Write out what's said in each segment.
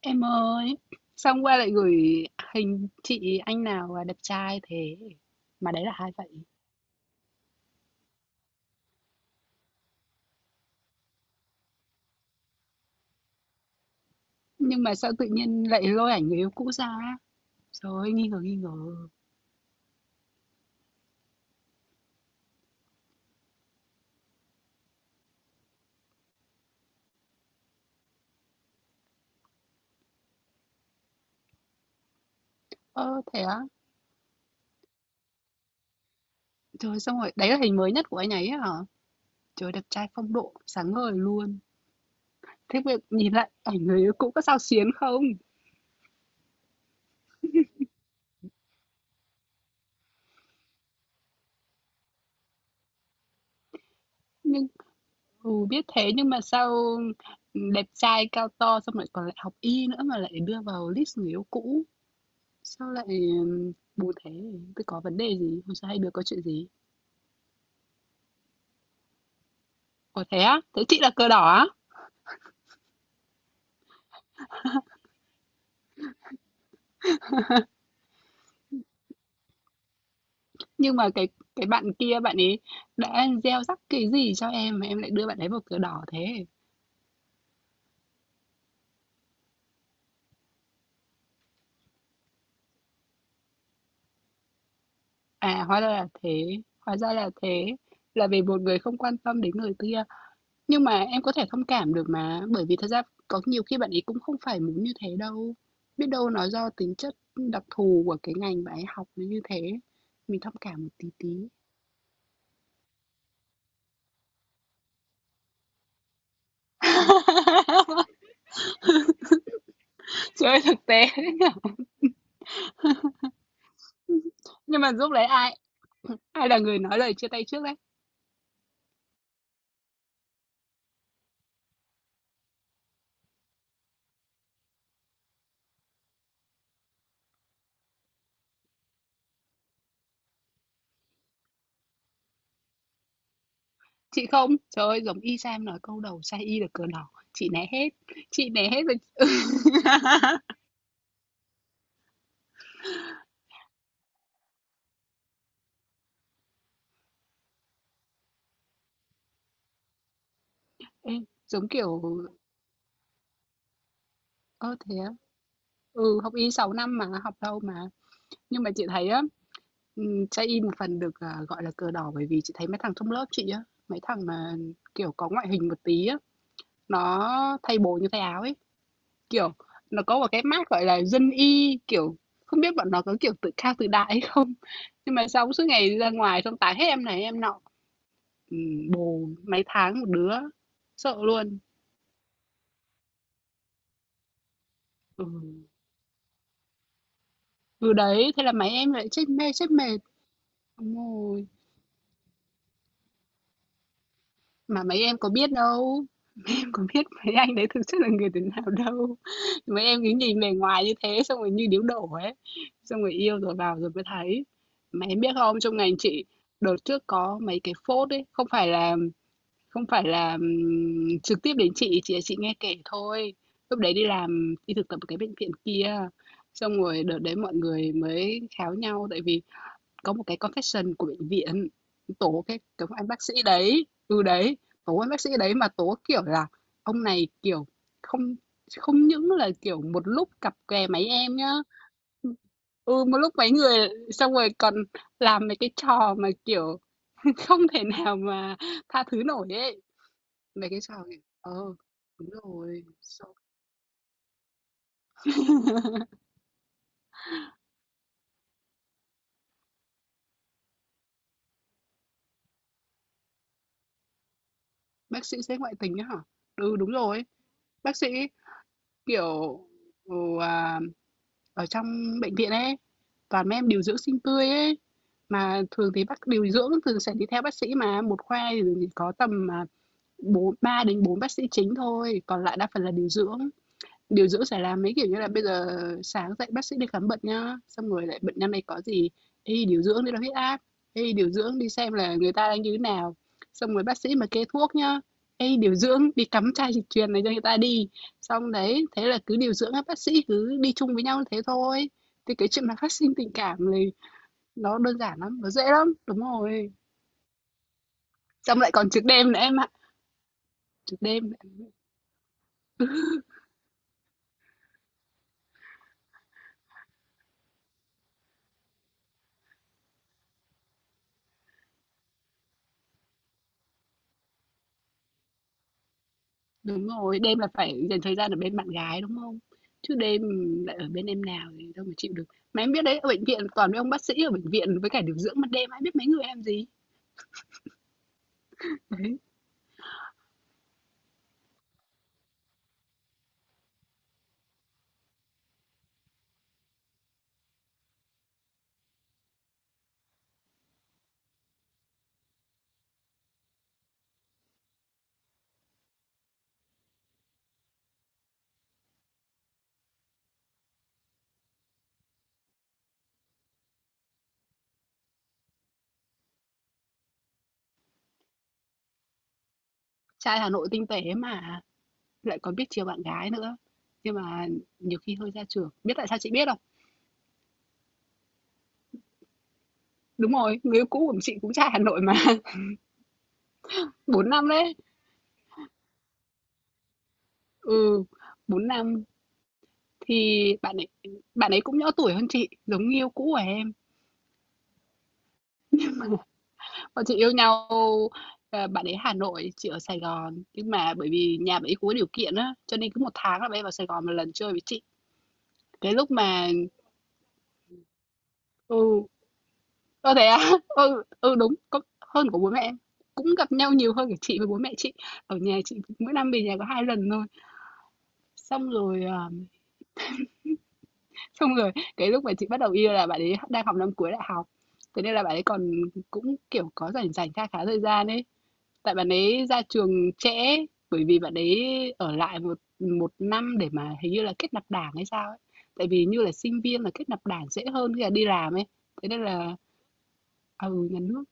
Em ơi, sao hôm qua lại gửi hình chị anh nào là đẹp trai thế? Mà đấy là hai vậy. Nhưng mà sao tự nhiên lại lôi ảnh người yêu cũ ra? Trời ơi, nghi ngờ nghi ngờ. Ơ thế á? Trời xong rồi, đấy là hình mới nhất của anh ấy á hả? Trời đẹp trai phong độ, sáng ngời luôn. Thế việc nhìn lại ảnh người yêu cũ có sao xuyến không? Nhưng biết thế nhưng mà sao đẹp trai cao to xong lại còn lại học y nữa mà lại đưa vào list người yêu cũ. Sao lại, bù thế? Thế có vấn đề gì? Hôm sau hai đứa có chuyện gì? Ồ, thế á? Thế chị là cờ đỏ á? Nhưng mà cái bạn kia bạn ấy đã gieo rắc cái gì cho em mà em lại đưa bạn ấy vào cờ đỏ thế? À, hóa ra là thế, hóa ra là thế. Là vì một người không quan tâm đến người kia. Nhưng mà em có thể thông cảm được mà, bởi vì thật ra có nhiều khi bạn ấy cũng không phải muốn như thế đâu. Biết đâu nó do tính chất đặc thù của cái ngành bạn ấy học nó như thế. Mình thông cảm một tí tí. Chơi thực tế đấy nhỉ? Nhưng mà lúc đấy ai ai là người nói lời chia tay trước đấy? Chị không? Trời ơi, giống y Sam nói câu đầu sai y được cờ đỏ chị né hết rồi. Ê, giống kiểu ơ thế á? Ừ, học y 6 năm mà, học lâu mà. Nhưng mà chị thấy á, sai y một phần được à, gọi là cờ đỏ bởi vì chị thấy mấy thằng trong lớp chị á, mấy thằng mà kiểu có ngoại hình một tí á, nó thay bồ như thay áo ấy. Kiểu, nó có một cái mác, gọi là, dân y, kiểu, không biết bọn nó có, kiểu, tự cao tự đại hay không? Nhưng mà xong suốt ngày ra ngoài xong tán hết em này em nọ, bồ mấy tháng một đứa, sợ luôn. Ừ, ừ, đấy, thế là mấy em lại chết mê chết mệt. Đúng rồi, mà mấy em có biết đâu, em có biết mấy anh đấy thực chất là người thế nào đâu. Mấy em cứ nhìn bề ngoài như thế xong rồi như điếu đổ ấy, xong rồi yêu rồi vào rồi mới thấy. Mà em biết không, trong ngành chị đợt trước có mấy cái phốt ấy, không phải là. Không phải là, trực tiếp đến chị, chỉ là chị nghe kể thôi. Lúc đấy đi làm, đi thực tập ở cái bệnh viện kia, xong rồi đợt đấy mọi người mới kháo nhau tại vì có một cái confession của bệnh viện, tố cái ông anh bác sĩ đấy ừ, đấy, tố anh bác sĩ đấy mà tố, kiểu là, ông này, kiểu, không không những là, kiểu, một lúc cặp kè mấy em nhá, ừm, ừ, một lúc mấy người, xong rồi còn làm mấy cái trò mà, kiểu, không thể nào mà tha thứ nổi ấy. Mấy cái sao nhỉ, đúng rồi, xong. Bác sĩ sẽ ngoại tình á hả? Ừ, đúng rồi, bác sĩ, kiểu, ừ, à, ở trong bệnh viện ấy, toàn mấy em điều dưỡng xinh tươi ấy, mà thường thì bác điều dưỡng thường sẽ đi theo bác sĩ mà, một khoa thì chỉ có tầm à, bốn 3 đến 4 bác sĩ chính thôi, còn lại đa phần là điều dưỡng. Điều dưỡng sẽ làm mấy, kiểu như là, bây giờ sáng dậy bác sĩ đi khám bệnh nhá, xong rồi lại bệnh năm nay có gì, "Ê, điều dưỡng đi đo huyết áp, ê, điều dưỡng đi xem là người ta đang như thế nào." Xong rồi bác sĩ mà kê thuốc nhá, "Ê, điều dưỡng đi cắm chai dịch truyền này cho người ta đi." Xong đấy, thế là cứ điều dưỡng các bác sĩ cứ đi chung với nhau thế thôi. Thì cái chuyện mà phát sinh tình cảm này nó đơn giản lắm, nó dễ lắm. Đúng rồi. Xong lại còn trực đêm nữa em ạ, trực đêm. Đúng rồi, đêm là phải dành thời gian ở bên bạn gái, đúng không? Chứ đêm lại ở bên em nào thì đâu mà chịu được. Mà em biết đấy, ở bệnh viện toàn mấy ông bác sĩ ở bệnh viện với cả điều dưỡng ban đêm, ai biết mấy người em gì. Đấy, trai Hà Nội tinh tế mà, lại còn biết chiều bạn gái nữa. Nhưng mà nhiều khi hơi ra trường. Biết tại sao chị biết không? Đúng rồi, người yêu cũ của chị cũng trai Hà Nội mà. 4 năm đấy. Ừ, 4 năm. Thì bạn ấy cũng nhỏ tuổi hơn chị, giống người yêu cũ của em. Bọn chị yêu nhau, bạn ấy Hà Nội, chị ở Sài Gòn, nhưng mà bởi vì nhà bạn ấy cũng có điều kiện á, cho nên cứ một tháng là bạn ấy vào Sài Gòn một lần chơi với chị. Cái lúc mà ừ, thế á? Ừ, ừ, đúng, có hơn của bố mẹ em, cũng gặp nhau nhiều hơn của chị với bố mẹ chị. Ở nhà chị mỗi năm về nhà có 2 lần thôi. Xong rồi, xong rồi cái lúc mà chị bắt đầu yêu là bạn ấy đang học năm cuối đại học, thế nên là bạn ấy còn cũng, kiểu, có rảnh rảnh kha khá thời gian ấy. Tại bạn ấy ra trường trễ, bởi vì bạn ấy ở lại một một năm để mà hình như là kết nạp đảng hay sao ấy. Tại vì như là sinh viên là kết nạp đảng dễ hơn khi là đi làm ấy. Thế nên là à, ừ, nhà nước.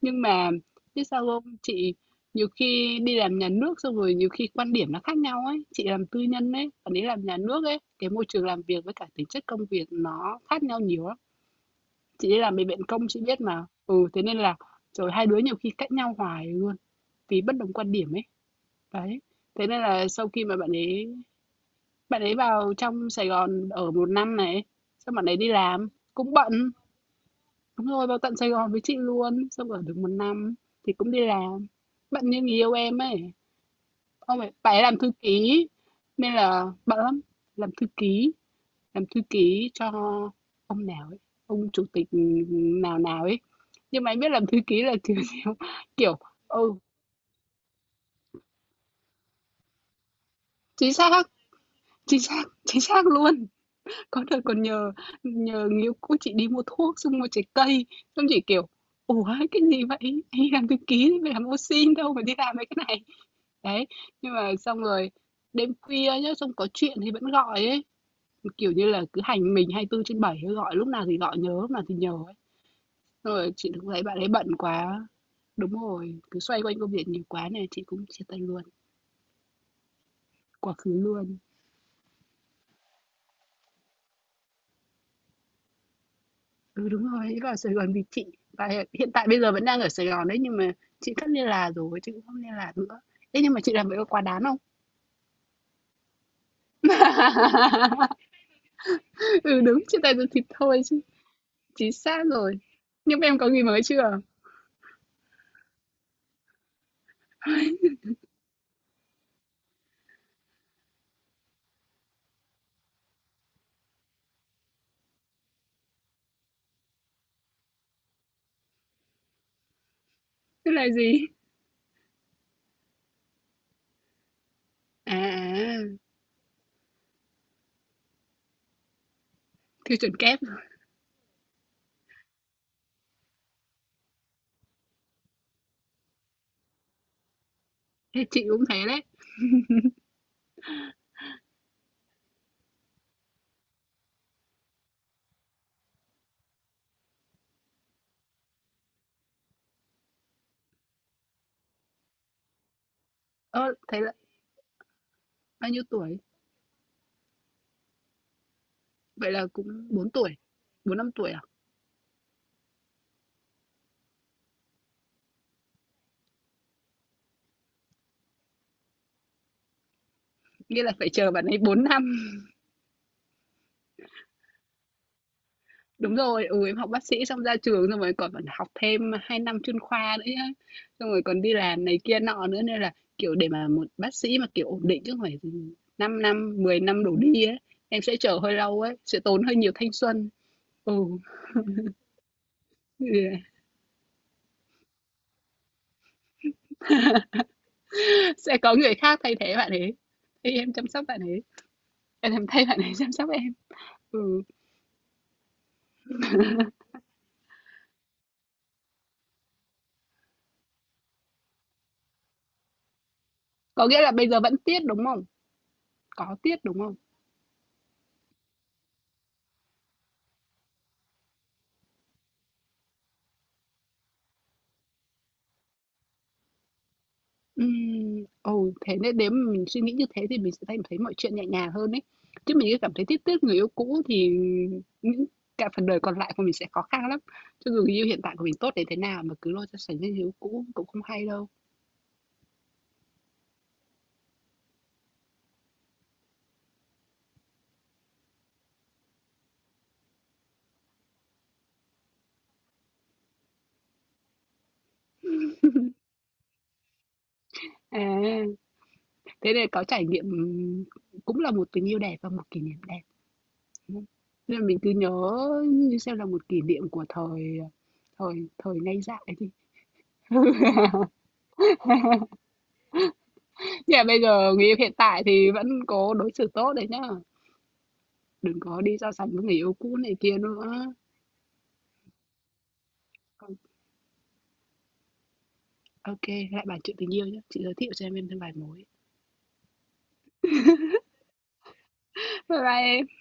Nhưng mà biết sao không? Chị nhiều khi đi làm nhà nước xong rồi nhiều khi quan điểm nó khác nhau ấy. Chị làm tư nhân ấy, bạn ấy làm nhà nước ấy, cái môi trường làm việc với cả tính chất công việc nó khác nhau nhiều lắm. Chị đi làm bệnh viện công chị biết mà. Ừ thế nên là rồi hai đứa nhiều khi cãi nhau hoài luôn vì bất đồng quan điểm ấy. Đấy, thế nên là sau khi mà bạn ấy vào trong Sài Gòn ở một năm này, xong bạn ấy đi làm, cũng bận. Đúng rồi, vào tận Sài Gòn với chị luôn, xong ở được một năm thì cũng đi làm. Bận như người yêu em ấy, ông ấy bạn ấy làm thư ký nên là bận lắm, làm thư ký, làm thư ký cho ông nào ấy, ông chủ tịch nào nào ấy. Nhưng mà anh biết làm thư ký là kiểu kiểu, kiểu ừ, chính xác, chính xác, chính xác luôn. Có đợt còn nhờ nhờ người yêu cũ chị đi mua thuốc, xong mua trái cây, xong chị, kiểu, "Ủa, cái gì vậy? Đi làm thư ký đi, phải làm ô sin đâu mà đi làm mấy cái này." Đấy, nhưng mà xong rồi đêm khuya nhá, xong có chuyện thì vẫn gọi ấy, kiểu như là, cứ hành mình 24 trên bảy gọi lúc nào thì gọi, nhớ lúc nào thì nhớ ấy. Xong rồi chị cũng thấy bạn ấy bận quá đúng rồi, cứ xoay quanh công việc nhiều quá này chị cũng chia tay luôn, quá khứ luôn. Ừ, đúng rồi, ấy vào Sài Gòn vì chị và hiện hiện tại bây giờ vẫn đang ở Sài Gòn đấy, nhưng mà chị cắt liên lạc rồi, chị cũng không liên lạc nữa. Thế nhưng mà chị làm vậy có quá đáng không? Ừ đúng, chia tay rồi thịt thôi chứ. Chính xác rồi. Nhưng mà em có người mới chưa? Thế là gì? À, à, tiêu chuẩn kép rồi. Thế chị cũng thế đấy. Ơ, thế là bao nhiêu tuổi? Vậy là cũng 4 tuổi, 4 5 tuổi à? Nghĩa là phải chờ bạn ấy 4 năm. Đúng rồi, ừ, em học bác sĩ xong ra trường xong rồi còn phải học thêm 2 năm chuyên khoa nữa nhá. Xong rồi còn đi làm này kia nọ nữa nên là kiểu để mà một bác sĩ mà kiểu ổn định chứ không phải 5 năm, 10 năm đổ đi ấy, em sẽ chờ hơi lâu ấy, sẽ tốn hơi nhiều thanh xuân. Ừ, sẽ có người khác thay thế bạn ấy. Thay em chăm sóc bạn ấy. Em làm thay bạn ấy chăm sóc em. Ừ, có nghĩa là bây giờ vẫn tiết đúng không? Có tiết đúng không? Thế nên nếu mà mình suy nghĩ như thế thì mình sẽ thấy thấy mọi chuyện nhẹ nhàng hơn ấy. Chứ mình cứ cảm thấy tiếc tiếc người yêu cũ thì những cả phần đời còn lại của mình sẽ khó khăn lắm. Cho dù người yêu hiện tại của mình tốt đến thế nào mà cứ lôi ra sánh với người yêu cũ cũng không hay đâu. À, thế nên có trải nghiệm cũng là một tình yêu đẹp và một kỷ niệm đẹp, đúng không? Nên là mình cứ nhớ như xem là một kỷ niệm của thời thời thời ngây dại đi. Nhưng mà bây giờ người yêu hiện tại thì vẫn có đối xử tốt đấy nhá. Đừng có đi so sánh với người yêu cũ này kia nữa. Ok, lại bàn chuyện tình yêu nhé. Chị giới thiệu cho em thêm vài mối. Bye bye em.